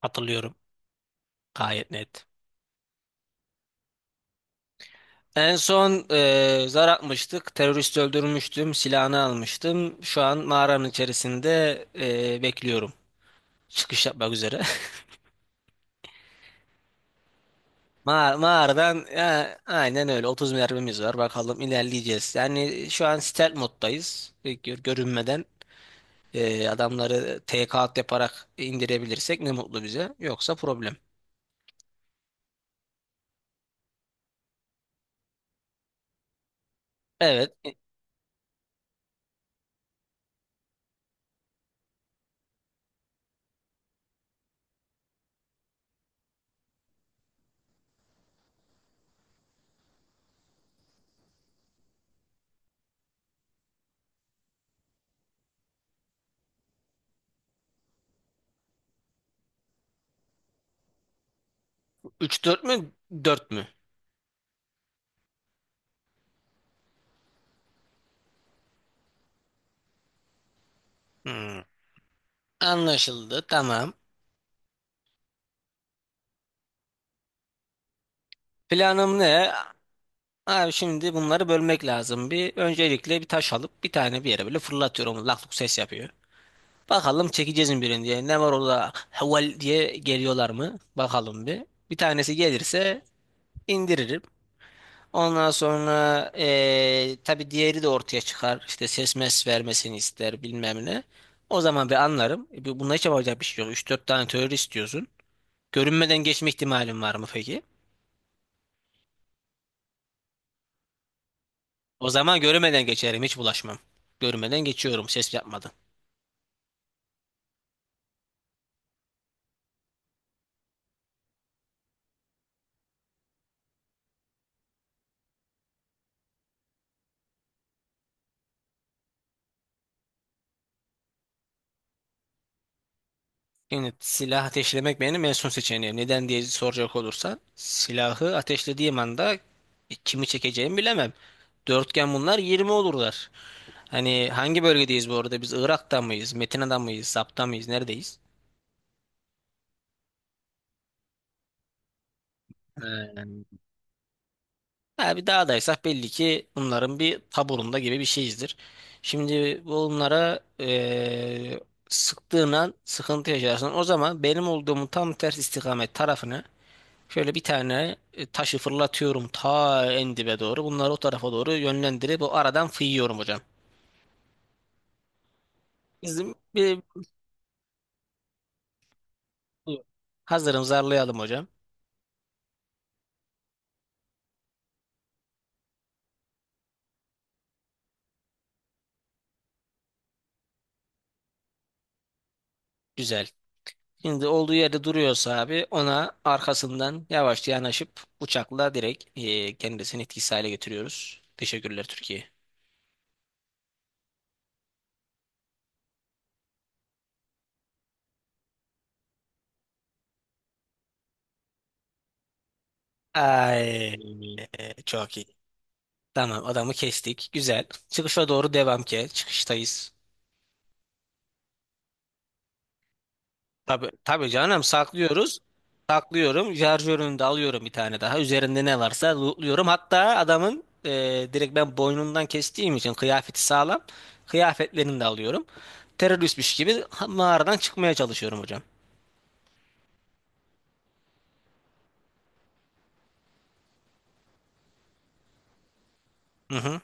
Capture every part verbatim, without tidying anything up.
Hatırlıyorum gayet net. En son e, zar atmıştık. Terörist öldürmüştüm. Silahını almıştım. Şu an mağaranın içerisinde e, bekliyorum. Çıkış yapmak üzere. Ma mağaradan e, aynen öyle otuz mermimiz var. Bakalım ilerleyeceğiz. Yani şu an stealth moddayız. E, gör- görünmeden e, adamları T K yaparak indirebilirsek ne mutlu bize. Yoksa problem. Evet. üç dört mü? Dört mü? Hmm. Anlaşıldı. Tamam. Planım ne? Abi şimdi bunları bölmek lazım. Bir öncelikle bir taş alıp bir tane bir yere böyle fırlatıyorum. Lak luk ses yapıyor. Bakalım çekeceğiz mi birini diye. Ne var orada haval diye geliyorlar mı? Bakalım bir. Bir tanesi gelirse indiririm. Ondan sonra eee tabii diğeri de ortaya çıkar. İşte ses mes vermesini ister bilmem ne. O zaman bir anlarım. E, bu- Bunda hiç yapacak bir şey yok. Üç dört tane teori istiyorsun. Görünmeden geçme ihtimalim var mı peki? O zaman görünmeden geçerim. Hiç bulaşmam. Görünmeden geçiyorum ses yapmadan. Şimdi silah ateşlemek benim en son seçeneğim. Neden diye soracak olursan silahı ateşlediğim anda kimi çekeceğimi bilemem. Dörtgen bunlar yirmi olurlar. Hani hangi bölgedeyiz bu arada? Biz Irak'ta mıyız? Metina'da mıyız? Zap'ta mıyız? Neredeyiz? Ee, Ha, bir dağdaysak belli ki bunların bir taburunda gibi bir şeyizdir. Şimdi bunlara eee sıktığın an sıkıntı yaşarsın. O zaman benim olduğumu tam ters istikamet tarafını. Şöyle bir tane e, taşı fırlatıyorum ta en dibe doğru. Bunları o tarafa doğru yönlendirip o aradan fıyıyorum hocam. Bizim bir, hazırım, zarlayalım hocam. Güzel. Şimdi olduğu yerde duruyorsa abi ona arkasından yavaşça yanaşıp bıçakla direkt e, kendisini etkisiz hale getiriyoruz. Teşekkürler Türkiye. Ay e, çok iyi. Tamam adamı kestik. Güzel. Çıkışa doğru devam ki. Çıkıştayız. Tabii, tabii canım, saklıyoruz. Saklıyorum. Şarjörünü de alıyorum bir tane daha. Üzerinde ne varsa lootluyorum. Hatta adamın e, direkt ben boynundan kestiğim için kıyafeti sağlam. Kıyafetlerini de alıyorum. Teröristmiş gibi ha- mağaradan çıkmaya çalışıyorum hocam. Hı hı.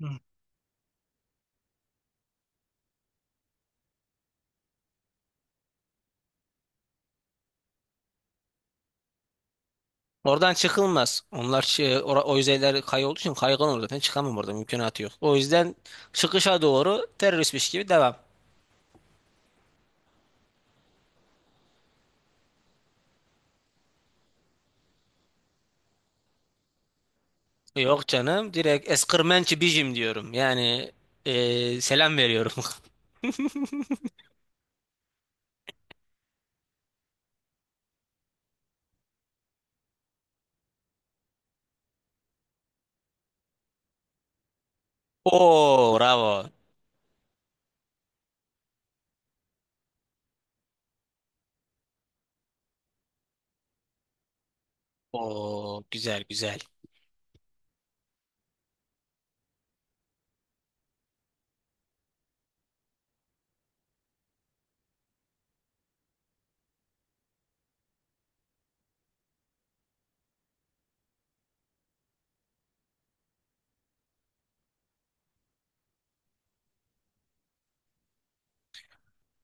Hı. Oradan çıkılmaz. Onlar şey, ora- o yüzeyler kayı olduğu için kaygan, olur zaten çıkamam, orada mümkünatı yok. O yüzden çıkışa doğru teröristmiş gibi devam. Yok canım, direkt eskırmençi bijim diyorum. Yani e, selam veriyorum. Oo bravo. Oo güzel güzel.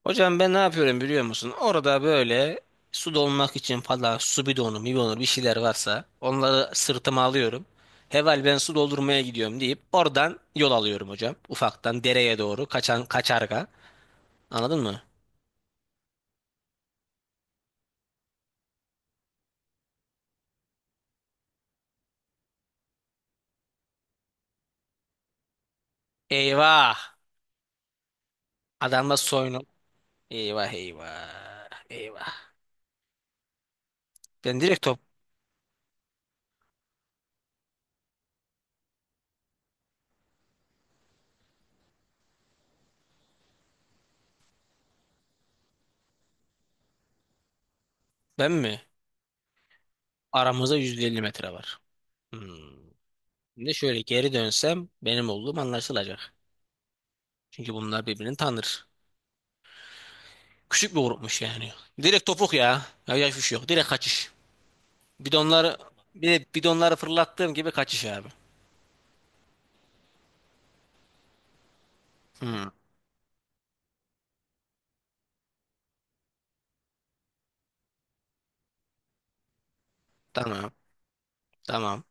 Hocam ben ne yapıyorum biliyor musun? Orada böyle su dolmak için falan su bidonu, mibidonu bir şeyler varsa onları sırtıma alıyorum. Heval ben su doldurmaya gidiyorum deyip oradan yol alıyorum hocam. Ufaktan dereye doğru kaçan kaçarga. Anladın mı? Eyvah! Adamla soyun. Eyvah eyvah. Eyvah. Ben direkt. Ben mi? Aramızda yüz elli metre var. Hmm. Şimdi şöyle geri dönsem benim olduğum anlaşılacak. Çünkü bunlar birbirini tanır. Küçük bir grupmuş yani. Direkt topuk ya. Ya yaş yok. Direkt kaçış. Bidonları bir de bidonları fırlattığım gibi kaçış abi. Hmm. Tamam. Tamam.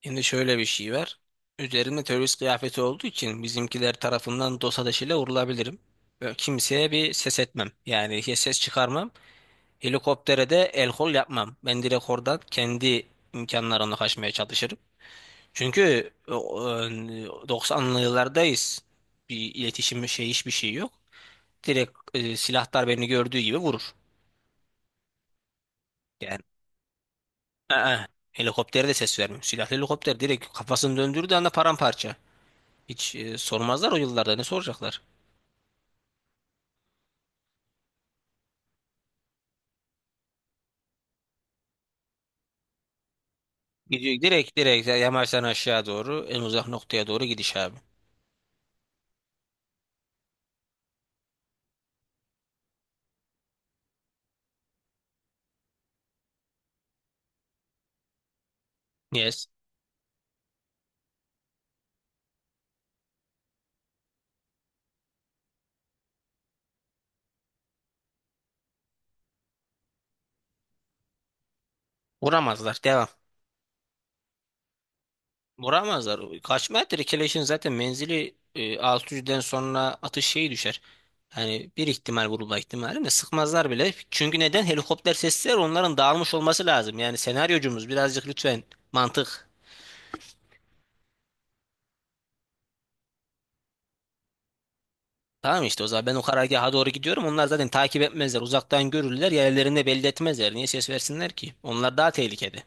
Şimdi şöyle bir şey var. Üzerimde terörist kıyafeti olduğu için bizimkiler tarafından dost ateşiyle vurulabilirim. Ve kimseye bir ses etmem. Yani hiç ses çıkarmam. Helikoptere de el kol yapmam. Ben direkt oradan kendi imkanlarımla kaçmaya çalışırım. Çünkü e, e, doksanlı yıllardayız. Bir iletişim şey hiçbir şey yok. Direkt e, silahlar beni gördüğü gibi vurur. Yani aa, helikoptere de ses vermiyor. Silahlı helikopter direkt kafasını döndürdüğü anda paramparça. Hiç e, sormazlar, o yıllarda ne soracaklar? Gidiyor direkt, direkt yamaçtan aşağı doğru en uzak noktaya doğru gidiş abi. Yes. Vuramazlar. Devam. Vuramazlar. Kaçma ettir. Keleşin zaten menzili e, altı yüzden sonra atış şeyi düşer. Hani bir ihtimal vurulma ihtimali de sıkmazlar bile. Çünkü neden? Helikopter sesler, onların dağılmış olması lazım. Yani senaryocumuz birazcık lütfen mantık. Tamam işte o zaman ben o karargaha doğru gidiyorum. Onlar zaten takip etmezler. Uzaktan görürler. Yerlerinde belli etmezler. Niye ses versinler ki? Onlar daha tehlikede.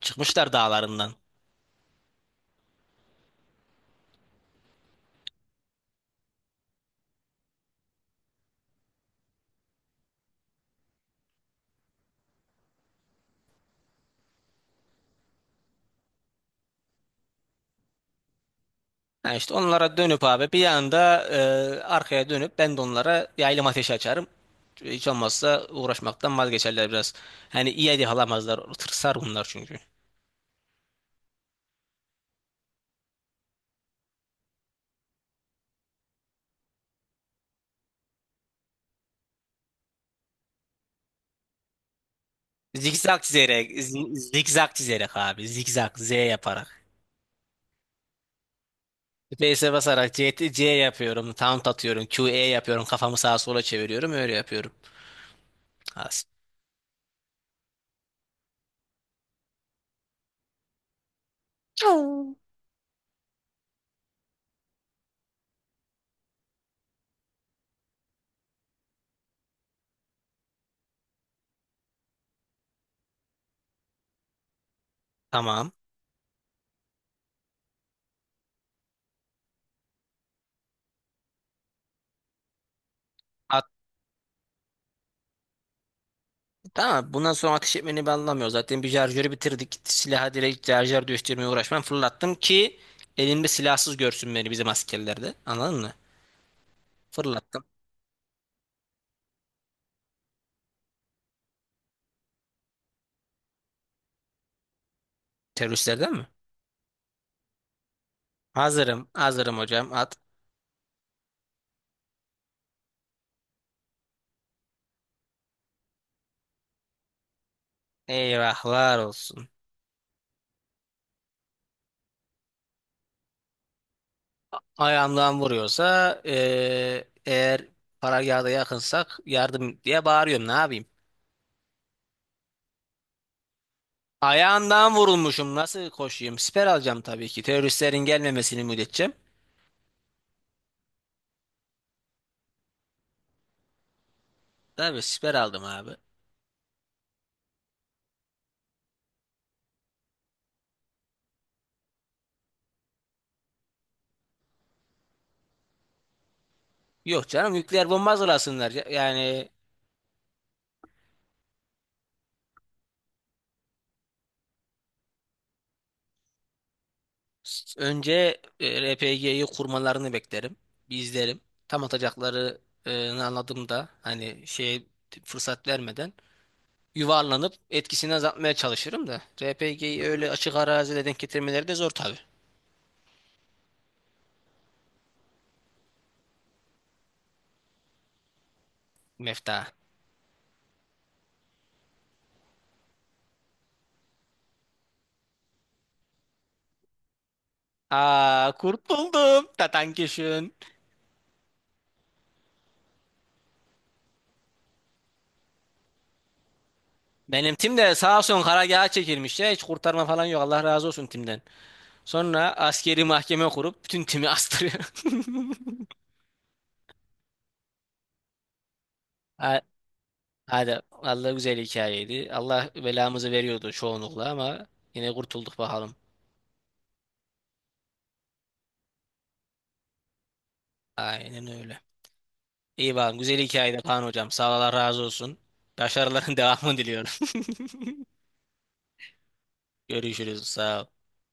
Çıkmışlar dağlarından. Ha işte onlara dönüp abi bir anda e, arkaya dönüp ben de onlara yaylım ateşi açarım. Hiç olmazsa uğraşmaktan vazgeçerler biraz. Hani iyi hadi alamazlar. Tırsar bunlar çünkü. Zikzak çizerek, zi- zikzak çizerek abi. Zikzak, Z yaparak. Space'e basarak C, C yapıyorum, taunt atıyorum, Q E yapıyorum, kafamı sağa sola çeviriyorum, öyle yapıyorum. As. Tamam. Tamam bundan sonra ateş etmeni ben anlamıyorum. Zaten bir şarjörü bitirdik. Silaha direkt şarjör değiştirmeye uğraşmam. Fırlattım ki elimde silahsız görsün beni bizim askerler de. Anladın mı? Fırlattım. Teröristlerden mi? Hazırım. Hazırım hocam. At. Eyvahlar olsun. Ayağımdan vuruyorsa eee, eğer paragahda yakınsak yardım diye bağırıyorum. Ne yapayım? Ayağından vurulmuşum. Nasıl koşayım? Siper alacağım tabii ki. Teröristlerin gelmemesini müddetçe. Tabii siper aldım abi. Yok canım, nükleer bomba hazırlasınlar. Ya- Yani s- önce R P G'yi kurmalarını beklerim. Bir izlerim. Tam atacaklarını anladığımda hani şey, fırsat vermeden yuvarlanıp etkisini azaltmaya çalışırım da. R P G'yi öyle açık arazide denk getirmeleri de zor tabii. Mefta. Aa kurtuldum. Tatankişin. Benim tim de sağ olsun karargaha çekilmiş ya. Hiç kurtarma falan yok. Allah razı olsun timden. Sonra askeri mahkeme kurup bütün timi astırıyor. Hadi Allah güzel hikayeydi. Allah belamızı veriyordu çoğunlukla ama yine kurtulduk bakalım. Aynen öyle. İyi bakalım. Güzel hikayeydi Kaan hocam. Sağ ol, Allah razı olsun. Başarıların devamını diliyorum. Görüşürüz. Sağ ol.